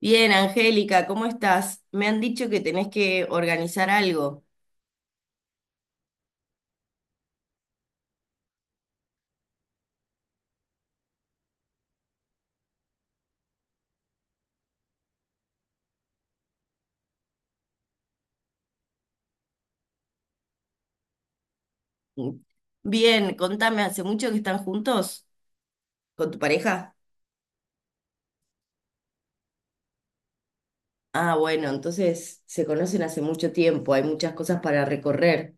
Bien, Angélica, ¿cómo estás? Me han dicho que tenés que organizar algo. Bien, contame, ¿hace mucho que están juntos con tu pareja? Ah, bueno, entonces se conocen hace mucho tiempo, hay muchas cosas para recorrer.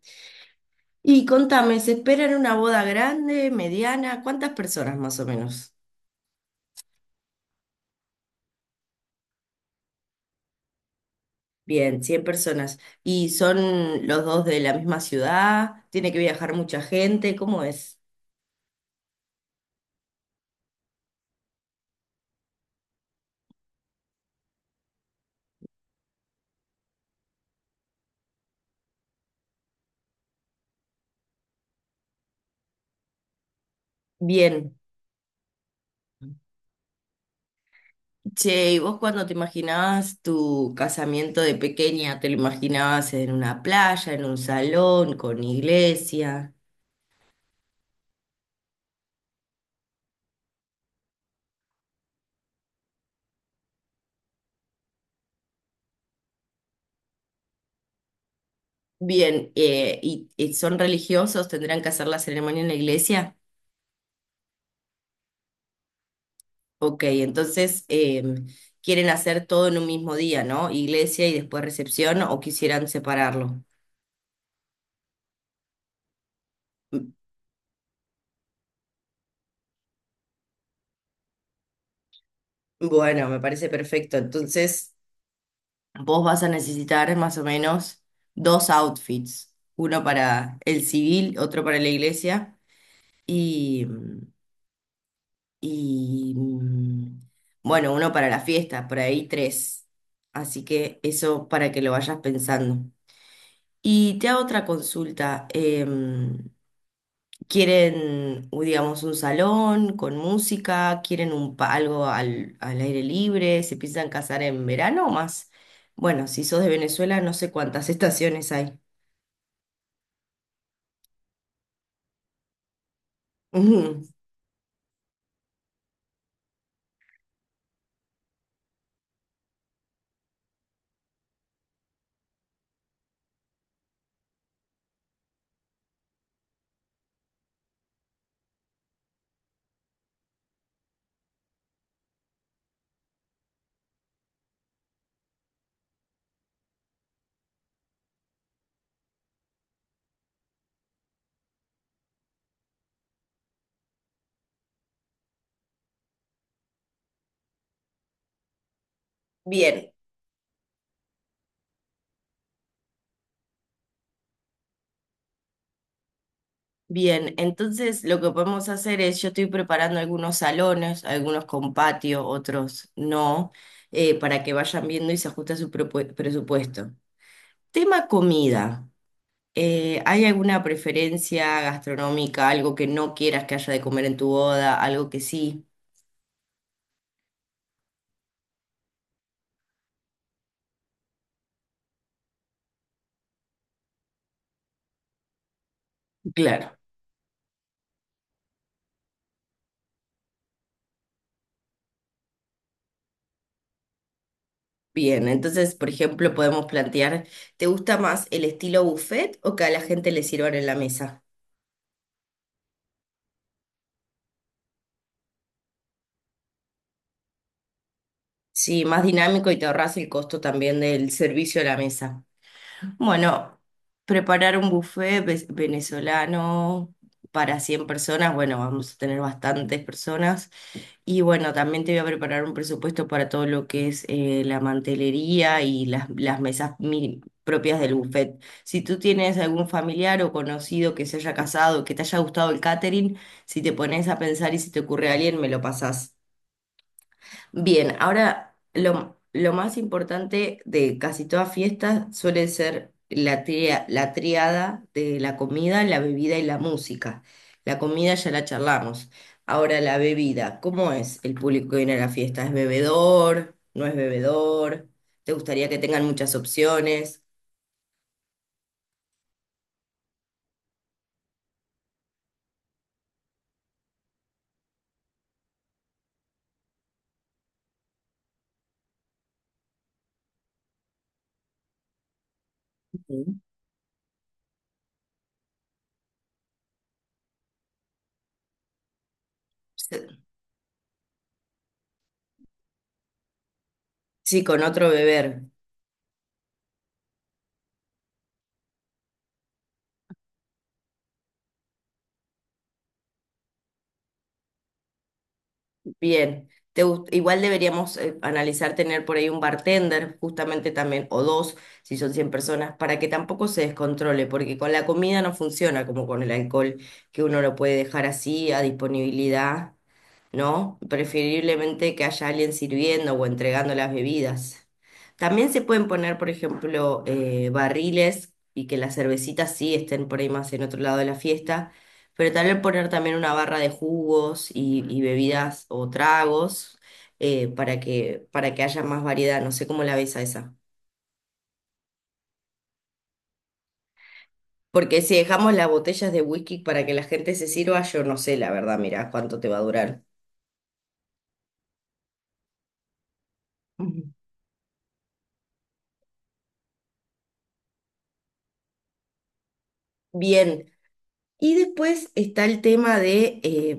Y contame, ¿se esperan una boda grande, mediana? ¿Cuántas personas más o menos? Bien, 100 personas. ¿Y son los dos de la misma ciudad? ¿Tiene que viajar mucha gente? ¿Cómo es? Bien. Che, ¿y vos cuando te imaginabas tu casamiento de pequeña, te lo imaginabas en una playa, en un salón, con iglesia? Bien, ¿Y son religiosos? ¿Tendrán que hacer la ceremonia en la iglesia? Ok, entonces quieren hacer todo en un mismo día, ¿no? Iglesia y después recepción, o quisieran separarlo. M- Bueno, me parece perfecto. Entonces, vos vas a necesitar más o menos dos outfits, uno para el civil, otro para la iglesia. Y, mm, y bueno, uno para la fiesta, por ahí tres. Así que eso para que lo vayas pensando. Y te hago otra consulta. ¿Quieren, digamos, un salón con música? ¿Quieren algo al aire libre? ¿Se piensan casar en verano o más? Bueno, si sos de Venezuela, no sé cuántas estaciones hay. Ujú. Bien, bien, entonces lo que podemos hacer es, yo estoy preparando algunos salones, algunos con patio, otros no, para que vayan viendo y se ajuste a su presupuesto. Tema comida. ¿Hay alguna preferencia gastronómica, algo que no quieras que haya de comer en tu boda, algo que sí? Claro. Bien, entonces, por ejemplo, podemos plantear, ¿te gusta más el estilo buffet o que a la gente le sirvan en la mesa? Sí, más dinámico y te ahorras el costo también del servicio a la mesa. Bueno, preparar un buffet venezolano para 100 personas, bueno, vamos a tener bastantes personas. Y bueno, también te voy a preparar un presupuesto para todo lo que es la mantelería y las mesas propias del buffet. Si tú tienes algún familiar o conocido que se haya casado, que te haya gustado el catering, si te pones a pensar y si te ocurre a alguien, me lo pasás. Bien, ahora lo más importante de casi toda fiesta suele ser la triada de la comida, la bebida y la música. La comida ya la charlamos. Ahora la bebida, ¿cómo es el público que viene a la fiesta? ¿Es bebedor? ¿No es bebedor? ¿Te gustaría que tengan muchas opciones? Ujú. Sí, con otro beber. Bien, igual deberíamos analizar tener por ahí un bartender, justamente también, o dos, si son 100 personas, para que tampoco se descontrole, porque con la comida no funciona como con el alcohol, que uno lo puede dejar así a disponibilidad, ¿no? Preferiblemente que haya alguien sirviendo o entregando las bebidas. También se pueden poner, por ejemplo, barriles y que las cervecitas sí estén por ahí más en otro lado de la fiesta, pero tal vez poner también una barra de jugos y bebidas o tragos, para que haya más variedad. No sé cómo la ves a esa. Porque si dejamos las botellas de whisky para que la gente se sirva, yo no sé, la verdad, mira cuánto te va a durar. Ujú. Bien, y después está el tema de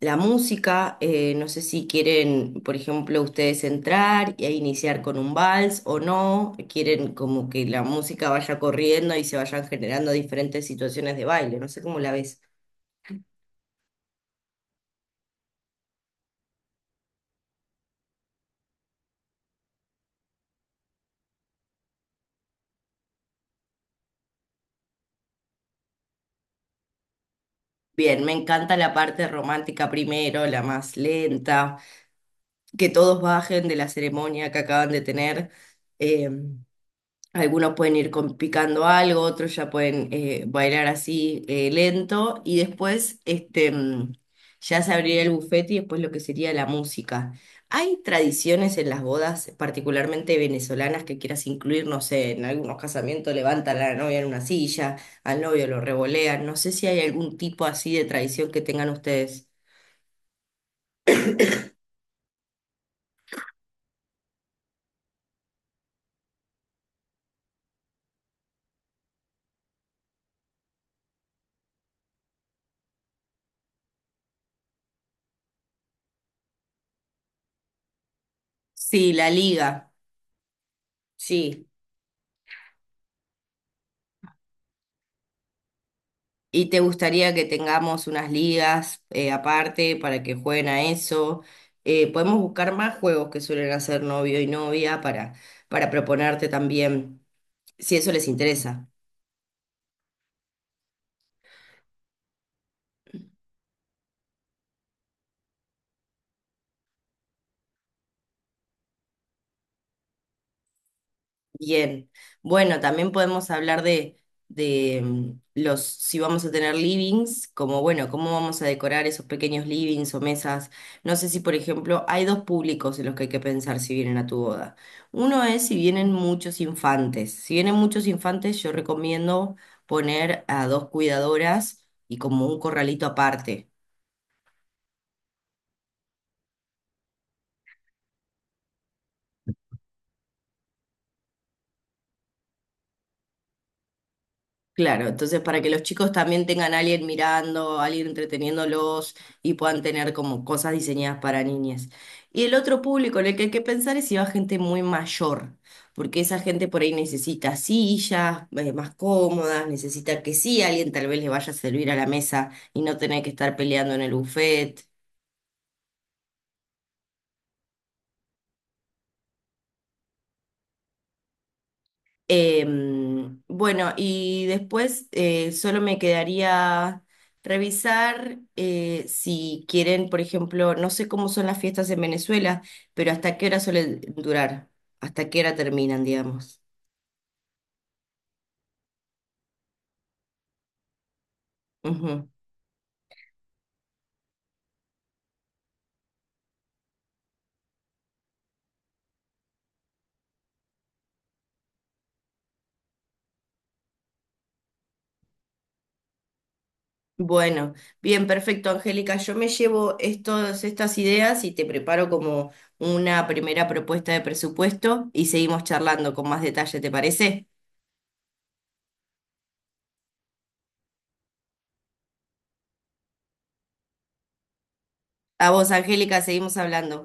la música. No sé si quieren, por ejemplo, ustedes entrar y ahí iniciar con un vals o no. Quieren como que la música vaya corriendo y se vayan generando diferentes situaciones de baile. No sé cómo la ves. Bien, me encanta la parte romántica primero, la más lenta, que todos bajen de la ceremonia que acaban de tener. em, Algunos pueden ir picando algo, otros ya pueden bailar así lento y después ya se abrirá el bufete y después lo que sería la música. ¿Hay tradiciones en las bodas, particularmente venezolanas, que quieras incluir? No sé, en algunos casamientos levantan a la novia en una silla, al novio lo revolean. No sé si hay algún tipo así de tradición que tengan ustedes. Sí, la liga. Sí. ¿Y te gustaría que tengamos unas ligas aparte para que jueguen a eso? Podemos buscar más juegos que suelen hacer novio y novia para, proponerte también, si eso les interesa. Bien, bueno, también podemos hablar de, de los, si vamos a tener livings, como bueno, cómo vamos a decorar esos pequeños livings o mesas. No sé si, por ejemplo, hay dos públicos en los que hay que pensar si vienen a tu boda. Uno es si vienen muchos infantes. Si vienen muchos infantes, yo recomiendo poner a dos cuidadoras y como un corralito aparte. Claro, entonces para que los chicos también tengan a alguien mirando, a alguien entreteniéndolos y puedan tener como cosas diseñadas para niñas. Y el otro público en el que hay que pensar es si va gente muy mayor, porque esa gente por ahí necesita sillas más cómodas, necesita que sí, alguien tal vez le vaya a servir a la mesa y no tener que estar peleando en el buffet. Bueno, y después solo me quedaría revisar si quieren, por ejemplo, no sé cómo son las fiestas en Venezuela, pero hasta qué hora suelen durar, hasta qué hora terminan, digamos. Ujú. Bueno, bien, perfecto, Angélica. Yo me llevo estas ideas y te preparo como una primera propuesta de presupuesto y seguimos charlando con más detalle, ¿te parece? A vos, Angélica, seguimos hablando.